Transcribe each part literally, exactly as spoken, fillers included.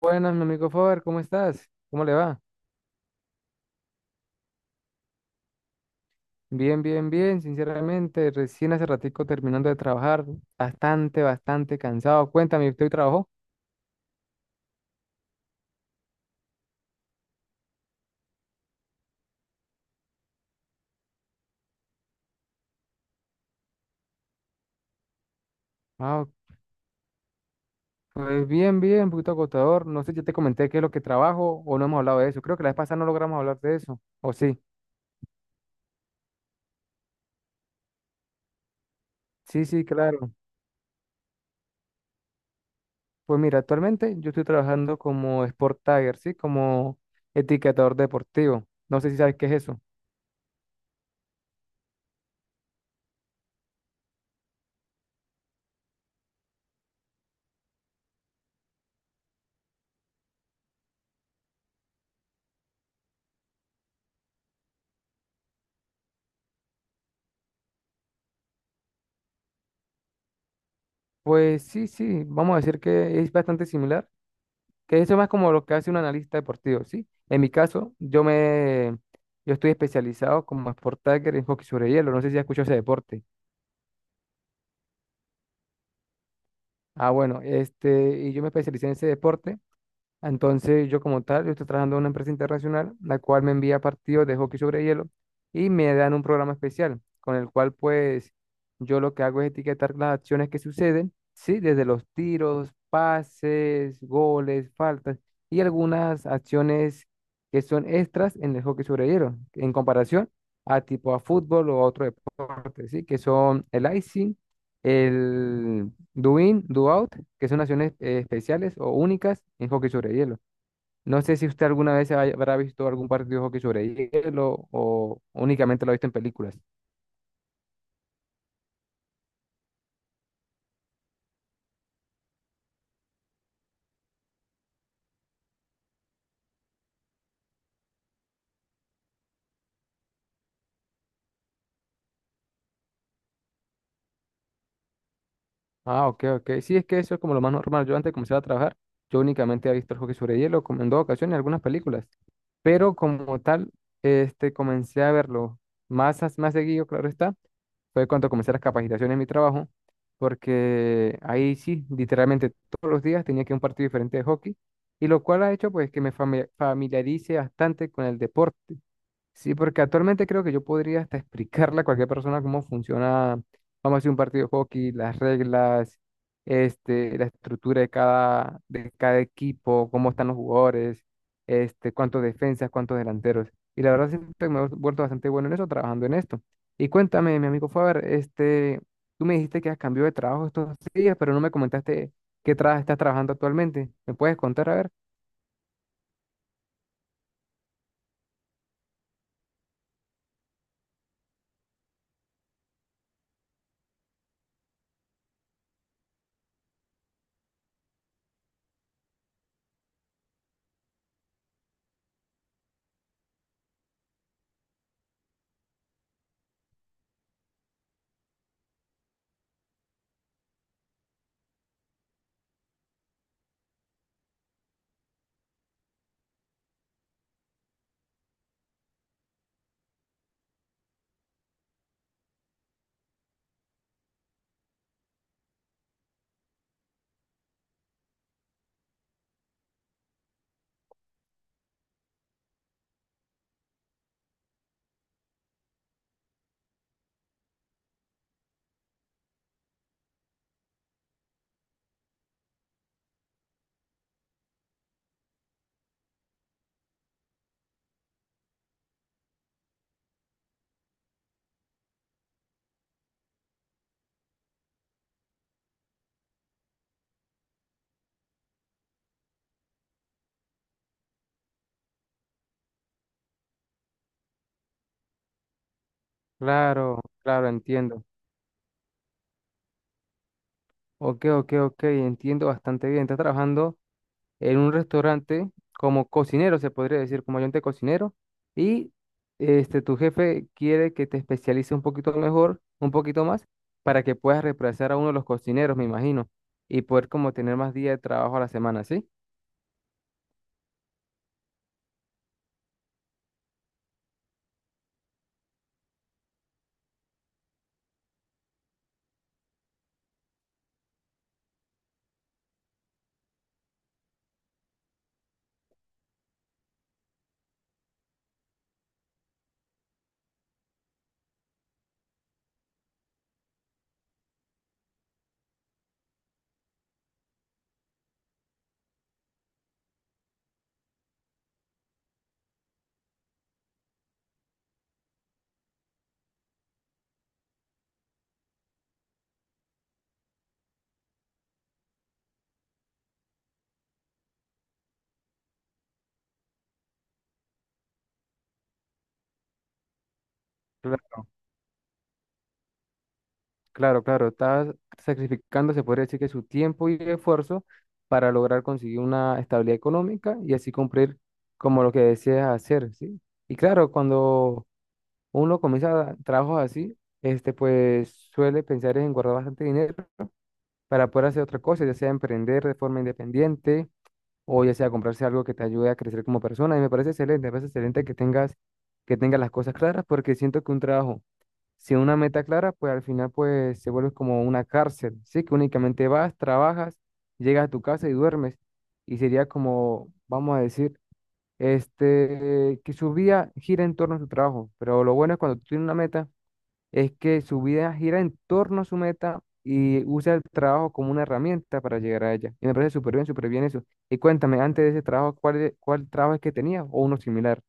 Buenas, mi amigo Faber, ¿cómo estás? ¿Cómo le va? Bien, bien, bien, sinceramente, recién hace ratico terminando de trabajar, bastante, bastante cansado. Cuéntame, ¿usted hoy trabajó? Ah, pues bien, bien, un poquito agotador. No sé, ya te comenté qué es lo que trabajo o no hemos hablado de eso. Creo que la vez pasada no logramos hablar de eso. ¿O sí? Sí, sí, claro. Pues mira, actualmente yo estoy trabajando como Sport Tagger, ¿sí? Como etiquetador deportivo. No sé si sabes qué es eso. Pues sí, sí, vamos a decir que es bastante similar. Que eso es más como lo que hace un analista deportivo, ¿sí? En mi caso, yo me, yo estoy especializado como Sport Tagger en hockey sobre hielo, no sé si has escuchado ese deporte. Ah, bueno, este, y yo me especialicé en ese deporte. Entonces, yo como tal, yo estoy trabajando en una empresa internacional, la cual me envía partidos de hockey sobre hielo y me dan un programa especial, con el cual pues yo lo que hago es etiquetar las acciones que suceden, sí, desde los tiros, pases, goles, faltas y algunas acciones que son extras en el hockey sobre hielo, en comparación a tipo a fútbol o a otro deporte, sí, que son el icing, el do in, do out, que son acciones eh, especiales o únicas en hockey sobre hielo. No sé si usted alguna vez haya- habrá visto algún partido de hockey sobre hielo o únicamente lo ha visto en películas. Ah, ok, ok. Sí, es que eso es como lo más normal. Yo antes de comenzar a trabajar, yo únicamente había visto el hockey sobre hielo como en dos ocasiones, algunas películas. Pero como tal, este, comencé a verlo más, as- más seguido, claro está, fue cuando comencé las capacitaciones en mi trabajo, porque ahí sí, literalmente todos los días tenía que ir a un partido diferente de hockey, y lo cual ha hecho pues que me fami- familiarice bastante con el deporte. Sí, porque actualmente creo que yo podría hasta explicarle a cualquier persona cómo funciona, vamos a decir, un partido de hockey, las reglas, este, la estructura de cada, de cada equipo, cómo están los jugadores, este, cuántos defensas, cuántos delanteros. Y la verdad siento que me he vuelto bastante bueno en eso, trabajando en esto. Y cuéntame, mi amigo Faber, este, tú me dijiste que has cambiado de trabajo estos días, pero no me comentaste qué trabajo estás trabajando actualmente. ¿Me puedes contar? A ver. Claro, claro, entiendo. Ok, ok, ok, entiendo bastante bien. Estás trabajando en un restaurante como cocinero, se podría decir, como ayudante cocinero, y este, tu jefe quiere que te especialices un poquito mejor, un poquito más, para que puedas reemplazar a uno de los cocineros, me imagino, y poder como tener más días de trabajo a la semana, ¿sí? Cla- Claro, claro, estás sacrificando, se podría decir que su tiempo y esfuerzo para lograr conseguir una estabilidad económica y así cumplir como lo que deseas hacer, ¿sí? Y claro, cuando uno comienza trabajos así, este, pues suele pensar en guardar bastante dinero para poder hacer otra cosa, ya sea emprender de forma independiente o ya sea comprarse algo que te ayude a crecer como persona. Y me parece excelente, me parece excelente que tengas, que tengas las cosas claras porque siento que un trabajo sin una meta clara, pues al final pues se vuelve como una cárcel, ¿sí? Que únicamente vas, trabajas, llegas a tu casa y duermes. Y sería como, vamos a decir, este, que su vida gira en torno a su trabajo. Pero lo bueno es cuando tú tienes una meta es que su vida gira en torno a su meta y usa el trabajo como una herramienta para llegar a ella. Y me parece súper bien, súper bien eso. Y cuéntame, antes de ese trabajo, ¿cuál, e- cuál trabajo es que tenía o uno similar?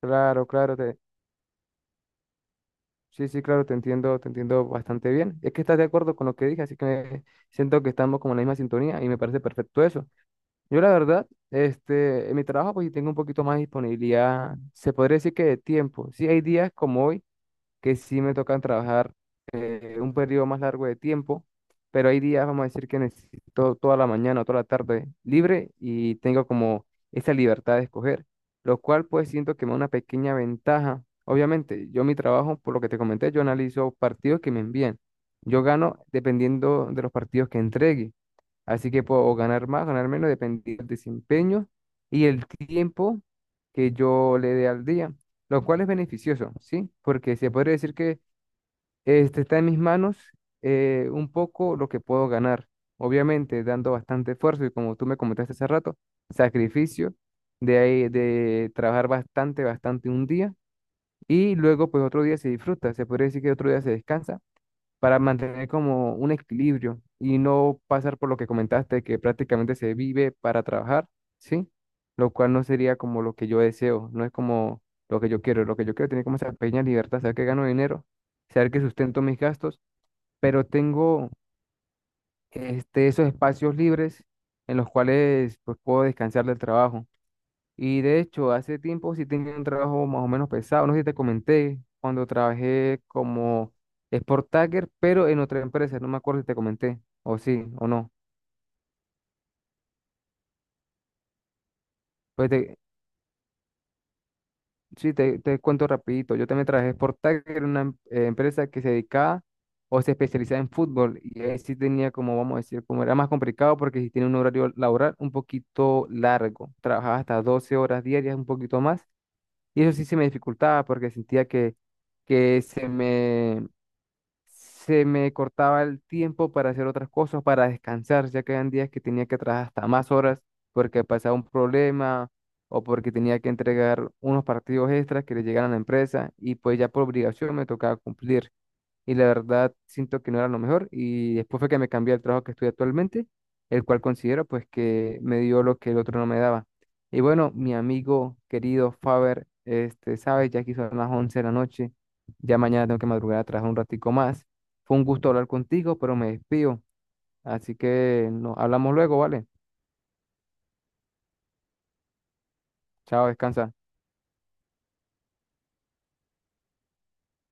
Claro, claro, te, sí, sí, claro, te entiendo, te entiendo bastante bien. Es que estás de acuerdo con lo que dije, así que me- siento que estamos como en la misma sintonía y me parece perfecto eso. Yo la verdad, este, en mi trabajo pues sí tengo un poquito más de disponibilidad, se podría decir que de tiempo. Sí, hay días como hoy que sí me tocan trabajar eh, un periodo más largo de tiempo, pero hay días, vamos a decir, que necesito toda la mañana o toda la tarde libre y tengo como esa libertad de escoger, lo cual pues siento que me da una pequeña ventaja. Obviamente, yo mi trabajo, por lo que te comenté, yo analizo partidos que me envían. Yo gano dependiendo de los partidos que entregue. Así que puedo ganar más, ganar menos, dependiendo del desempeño y el tiempo que yo le dé al día, lo cual es beneficioso, ¿sí? Porque se podría decir que este, está en mis manos eh, un poco lo que puedo ganar, obviamente dando bastante esfuerzo y como tú me comentaste hace rato, sacrificio de, ahí- de trabajar bastante, bastante un día y luego pues otro día se disfruta, se podría decir que otro día se descansa para mantener como un equilibrio y no pasar por lo que comentaste, que prácticamente se vive para trabajar, ¿sí? Lo cual no sería como lo que yo deseo, no es como lo que yo quiero, lo que yo quiero es tener como esa pequeña libertad, saber que gano dinero, saber que sustento mis gastos, pero tengo este, esos espacios libres en los cuales pues, puedo descansar del trabajo. Y de hecho, hace tiempo sí tenía un trabajo más o menos pesado, no sé si te comenté, cuando trabajé como Sport Tagger, pero en otra empresa, no me acuerdo si te comenté, o sí, o no. Pues te, sí, te, te cuento rapidito, yo también trabajé Sport Tagger en una em- eh, empresa que se dedicaba o se especializaba en fútbol, y ahí sí tenía como, vamos a decir, como era más complicado porque sí tiene un horario laboral un poquito largo, trabajaba hasta doce horas diarias, un poquito más, y eso sí se me dificultaba porque sentía que que se me se me cortaba el tiempo para hacer otras cosas, para descansar, ya que habían días que tenía que trabajar hasta más horas porque pasaba un problema o porque tenía que entregar unos partidos extras que le llegaran a la empresa y pues ya por obligación me tocaba cumplir y la verdad siento que no era lo mejor y después fue que me cambié al trabajo que estoy actualmente, el cual considero pues que me dio lo que el otro no me daba. Y bueno, mi amigo querido Faber, este, sabes, ya aquí son las once de la noche, ya mañana tengo que madrugar a trabajar un ratico más. Fue un gusto hablar contigo, pero me despido, así que nos hablamos luego, ¿vale? Chao, descansa.